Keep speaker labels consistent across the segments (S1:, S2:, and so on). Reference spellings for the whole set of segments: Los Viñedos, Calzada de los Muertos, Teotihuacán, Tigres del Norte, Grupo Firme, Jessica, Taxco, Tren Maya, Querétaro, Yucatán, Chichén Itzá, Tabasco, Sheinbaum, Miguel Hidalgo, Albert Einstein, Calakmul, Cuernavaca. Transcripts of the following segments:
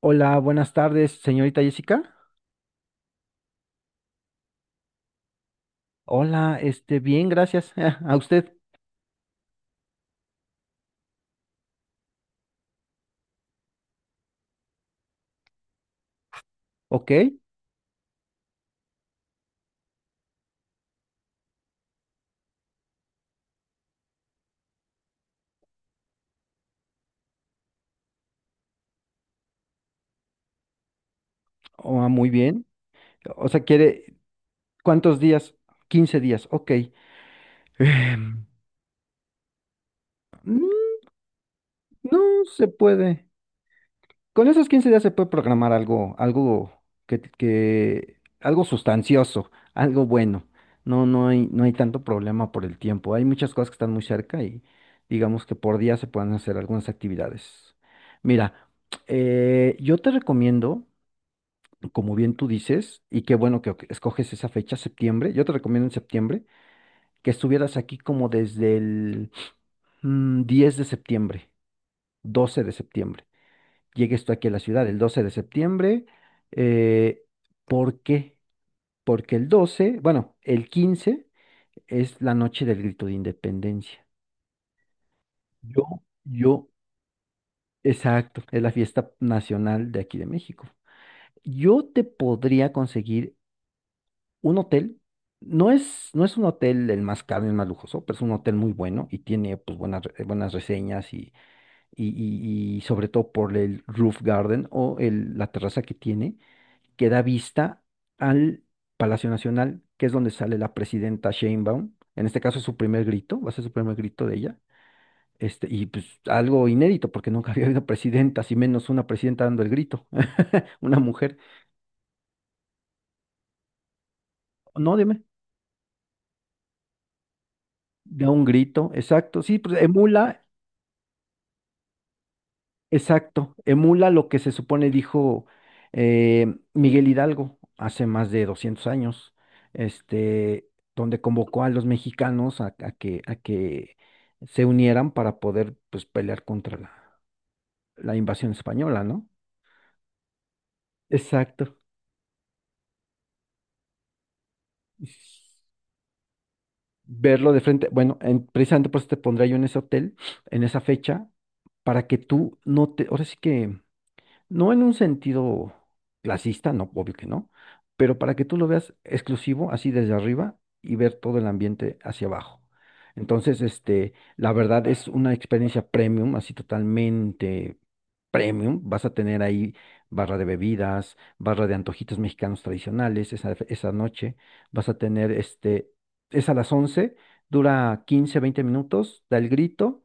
S1: Hola, buenas tardes, señorita Jessica. Hola, bien, gracias. Ah, a usted. Ok. Ah, muy bien. O sea, quiere, ¿cuántos días? 15 días, ok. Em, mm, no se puede. Con esos 15 días se puede programar algo, algo sustancioso, algo bueno. No hay tanto problema por el tiempo. Hay muchas cosas que están muy cerca y digamos que por día se pueden hacer algunas actividades. Mira, yo te recomiendo, como bien tú dices, y qué bueno que escoges esa fecha, septiembre. Yo te recomiendo en septiembre que estuvieras aquí como desde el 10 de septiembre, 12 de septiembre. Llegues tú aquí a la ciudad el 12 de septiembre. eh, ¿Por qué? Porque el 12, bueno, el 15 es la noche del grito de independencia. Yo, yo, exacto, es la fiesta nacional de aquí de México. Yo te podría conseguir un hotel. No es un hotel el más caro, el más lujoso, pero es un hotel muy bueno y tiene pues buenas reseñas. Y sobre todo por el roof garden o la terraza que tiene, que da vista al Palacio Nacional, que es donde sale la presidenta Sheinbaum. En este caso, su primer grito, va a ser su primer grito de ella. Y pues algo inédito, porque nunca había habido presidentas, y menos una presidenta dando el grito, una mujer. No, dime, da un grito, exacto. Sí, pues emula. Exacto, emula lo que se supone dijo Miguel Hidalgo hace más de 200 años, este, donde convocó a los mexicanos a que se unieran para poder pues pelear contra la invasión española, ¿no? Exacto. s- Verlo de frente, bueno, precisamente por eso te pondré yo en ese hotel, en esa fecha, para que tú no te, ahora sí que. No en un sentido clasista, no, obvio que no, pero para que tú lo veas exclusivo, así desde arriba y ver todo el ambiente hacia abajo. Entonces, la verdad es una experiencia premium, así totalmente premium. Vas a tener ahí barra de bebidas, barra de antojitos mexicanos tradicionales esa noche. Vas a tener, es a las 11, dura 15, 20 minutos, da el grito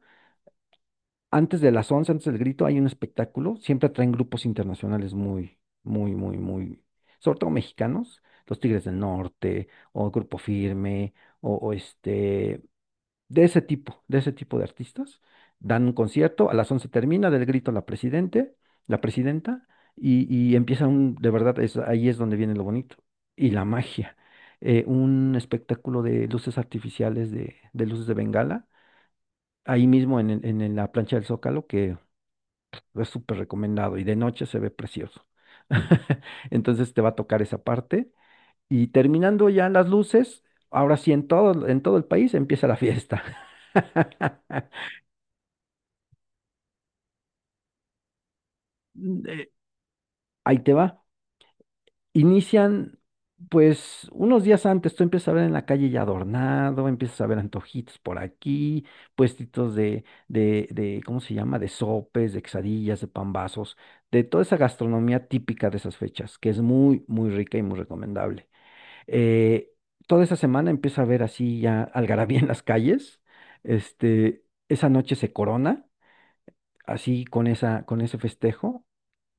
S1: antes de las 11. Antes del grito, hay un espectáculo. Siempre atraen grupos internacionales muy, muy, muy, muy, sobre todo mexicanos, los Tigres del Norte, o Grupo Firme, o de ese tipo, de ese tipo de artistas. Dan un concierto, a las 11 termina del grito la presidente, la presidenta, y empieza un, de verdad, es, ahí es donde viene lo bonito. Y la magia. Un espectáculo de luces artificiales, de luces de Bengala ahí mismo en, la plancha del Zócalo, que es súper recomendado y de noche se ve precioso. Entonces te va a tocar esa parte. Y terminando ya las luces, ahora sí en todo el país empieza la fiesta. Eh, Ahí te va. Inician, pues, unos días antes, tú empiezas a ver en la calle ya adornado, empiezas a ver antojitos por aquí, puestitos ¿cómo se llama? De sopes, de quesadillas, de pambazos, de toda esa gastronomía típica de esas fechas, que es muy, muy rica y muy recomendable. Eh, Toda esa semana empieza a haber así ya algarabía en las calles. Esa noche se corona, así con con ese festejo.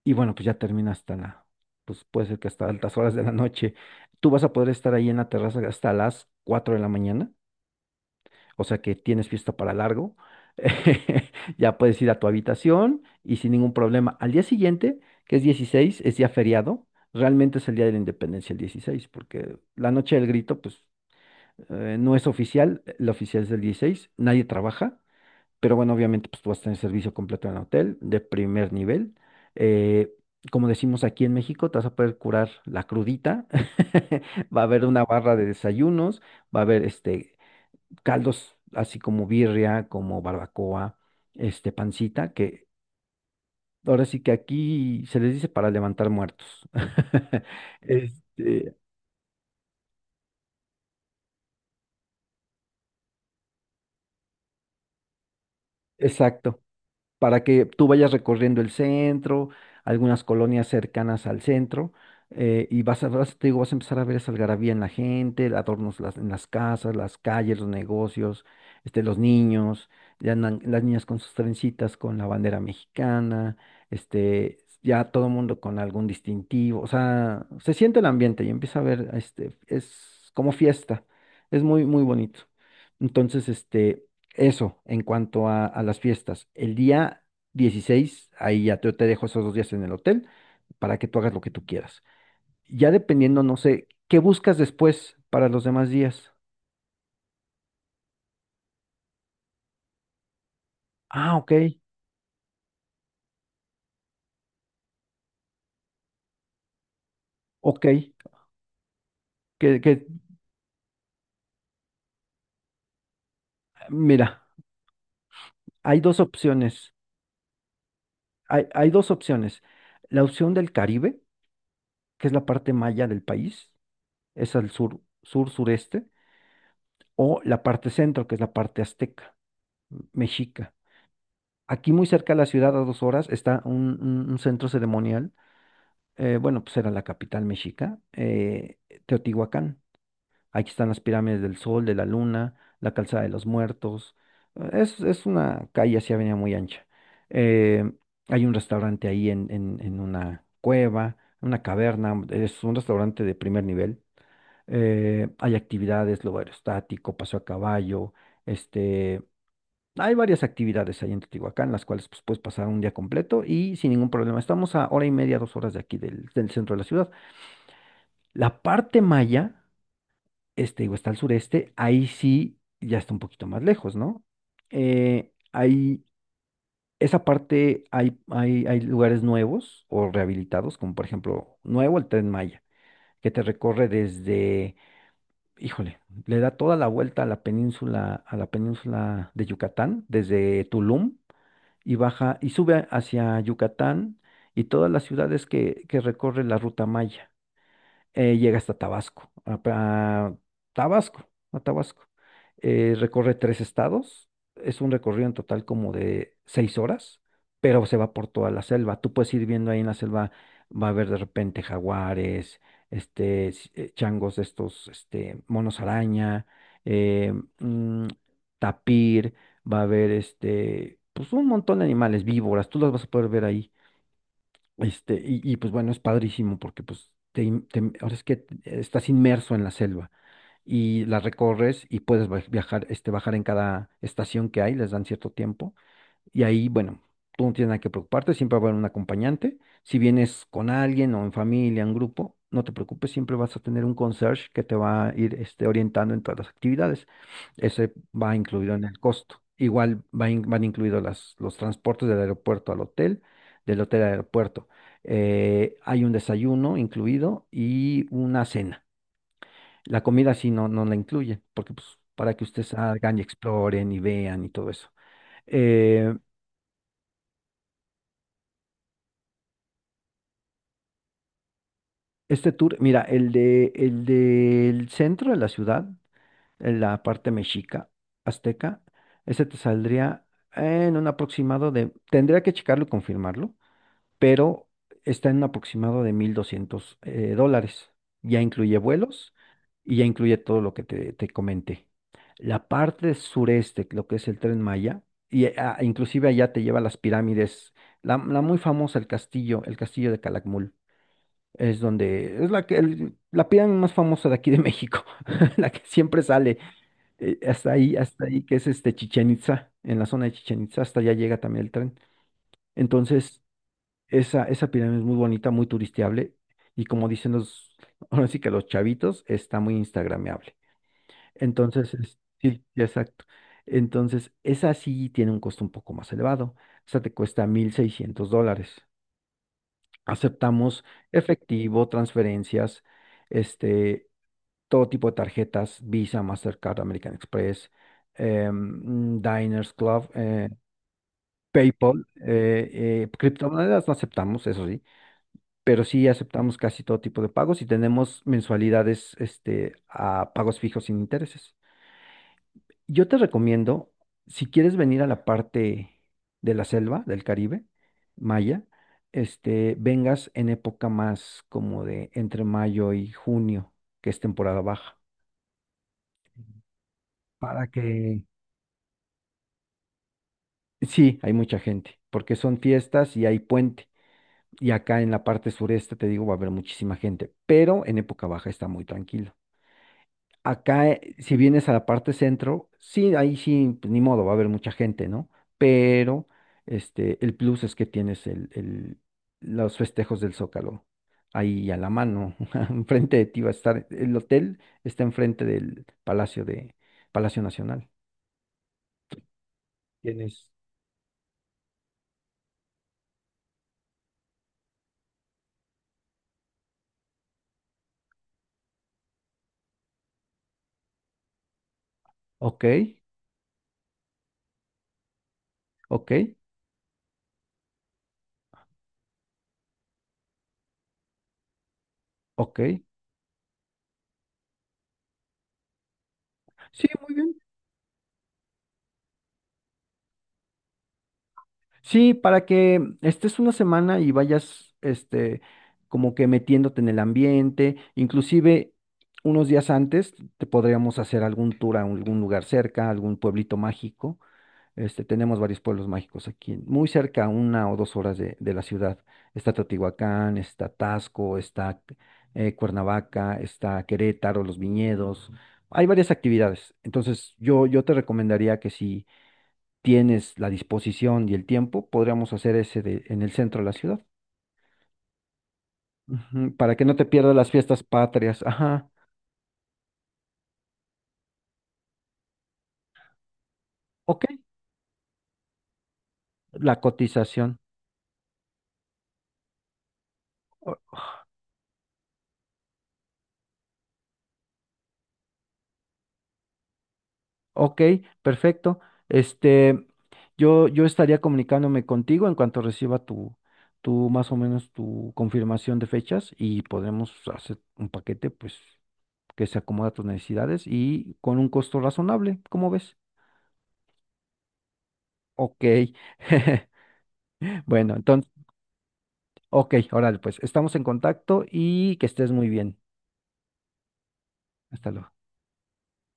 S1: Y bueno, pues ya termina hasta la, pues puede ser que hasta altas horas de la noche. Tú vas a poder estar ahí en la terraza hasta las 4 de la mañana. O sea que tienes fiesta para largo. Ya puedes ir a tu habitación y sin ningún problema. Al día siguiente, que es 16, es día feriado. Realmente es el día de la independencia el 16, porque la noche del grito, pues no es oficial. La oficial es del 16. Nadie trabaja, pero bueno, obviamente pues tú vas a tener servicio completo en el hotel de primer nivel. eh, Como decimos aquí en México, te vas a poder curar la crudita. Va a haber una barra de desayunos, va a haber caldos así como birria, como barbacoa, pancita, que ahora sí que aquí se les dice para levantar muertos. Este, exacto. Para que tú vayas recorriendo el centro, algunas colonias cercanas al centro, y te digo, vas a empezar a ver esa algarabía en la gente, adornos en las casas, las calles, los negocios, los niños. Ya andan las niñas con sus trencitas, con la bandera mexicana, ya todo el mundo con algún distintivo, o sea, se siente el ambiente y empieza a ver, es como fiesta, es muy, muy bonito. Entonces, eso, en cuanto a las fiestas. El día 16 ahí ya te dejo esos 2 días en el hotel para que tú hagas lo que tú quieras. Ya dependiendo, no sé, ¿qué buscas después para los demás días? Ah, ok, ok. Que, que, Mira, hay dos opciones. Hay dos opciones. La opción del Caribe, que es la parte maya del país, es al sur, sur, sureste, o la parte centro, que es la parte azteca, mexica. Aquí muy cerca de la ciudad, a 2 horas, está un centro ceremonial. Bueno, pues era la capital mexica, Teotihuacán. Aquí están las pirámides del Sol, de la Luna, la Calzada de los Muertos. Es una calle así, avenida muy ancha. Eh, Hay un restaurante ahí en, en una cueva, una caverna. Es un restaurante de primer nivel. Hay actividades, globo aerostático, paseo a caballo, este. Hay varias actividades ahí en Teotihuacán, las cuales pues, puedes pasar un día completo y sin ningún problema. Estamos a hora y media, 2 horas de aquí del centro de la ciudad. La parte maya, digo, está al sureste. Ahí sí ya está un poquito más lejos, ¿no? Eh, ahí, Esa parte hay lugares nuevos o rehabilitados, como por ejemplo, nuevo el Tren Maya, que te recorre desde, híjole, le da toda la vuelta a la península de Yucatán, desde Tulum y baja y sube hacia Yucatán y todas las ciudades que recorre la ruta maya. Llega hasta Tabasco, a Tabasco, a Tabasco. Recorre tres estados, es un recorrido en total como de 6 horas, pero se va por toda la selva. Tú puedes ir viendo ahí en la selva, va a haber de repente jaguares, changos de estos, monos araña, eh, mm, tapir, va a haber pues un montón de animales, víboras, tú las vas a poder ver ahí. Pues bueno, es padrísimo porque pues ahora es que estás inmerso en la selva y la recorres y puedes viajar, bajar en cada estación que hay, les dan cierto tiempo y ahí, bueno, tú no tienes nada que preocuparte, siempre va a haber un acompañante. Si vienes con alguien o en familia, en grupo, no te preocupes, siempre vas a tener un concierge que te va a ir orientando en todas las actividades. Ese va incluido en el costo. Igual van incluidos los transportes del aeropuerto al hotel, del hotel al aeropuerto. Hay un desayuno incluido y una cena. La comida sí no, no la incluye, porque pues para que ustedes salgan y exploren y vean y todo eso. Eh, Este tour, mira, el del centro de la ciudad, en la parte mexica, azteca, ese te saldría en un aproximado de, tendría que checarlo y confirmarlo, pero está en un aproximado de 1.200 dólares. Ya incluye vuelos y ya incluye todo lo que te comenté. La parte sureste, lo que es el Tren Maya, y inclusive allá te lleva a las pirámides, la muy famosa, el castillo de Calakmul. Es donde es la que la pirámide más famosa de aquí de México. La que siempre sale hasta ahí, que es este Chichén Itzá, en la zona de Chichén Itzá, hasta allá llega también el tren. Entonces, esa pirámide es muy bonita, muy turisteable, y como dicen los ahora sí que los chavitos, está muy instagrameable. Entonces, sí, sí, exacto. Entonces, esa sí tiene un costo un poco más elevado. Esa te cuesta 1.600 dólares. Aceptamos efectivo, transferencias, este todo tipo de tarjetas, Visa, Mastercard, American Express, Diners Club, PayPal, criptomonedas no aceptamos, eso sí, pero sí aceptamos casi todo tipo de pagos y tenemos mensualidades a pagos fijos sin intereses. Yo te recomiendo, si quieres venir a la parte de la selva del Caribe, Maya, vengas en época más como de entre mayo y junio, que es temporada baja. Para que sí, hay mucha gente, porque son fiestas y hay puente. Y acá en la parte sureste, te digo, va a haber muchísima gente, pero en época baja está muy tranquilo. Acá, si vienes a la parte centro, sí, ahí sí, pues, ni modo, va a haber mucha gente, ¿no? Pero el plus es que tienes los festejos del Zócalo ahí a la mano. Enfrente de ti va a estar, el hotel está enfrente del Palacio de Palacio Nacional. Tienes. Ok, ok, ok. Sí, muy bien. Sí, para que estés una semana y vayas, como que metiéndote en el ambiente, inclusive unos días antes te podríamos hacer algún tour a algún lugar cerca, algún pueblito mágico. Tenemos varios pueblos mágicos aquí, muy cerca, 1 o 2 horas de la ciudad. Está Teotihuacán, está Taxco, está Cuernavaca, está Querétaro, Los Viñedos. Hay varias actividades. Entonces, yo te recomendaría que sí tienes la disposición y el tiempo, podríamos hacer ese de, en el centro de la ciudad. Ujú, para que no te pierdas las fiestas patrias. Ajá, ok, la cotización. o- Ok, perfecto. Este, yo estaría comunicándome contigo en cuanto reciba tu, más o menos tu confirmación de fechas, y podremos hacer un paquete, pues, que se acomoda a tus necesidades y con un costo razonable, ¿cómo ves? Ok, bueno, entonces. Ok, órale, pues estamos en contacto y que estés muy bien. Hasta luego.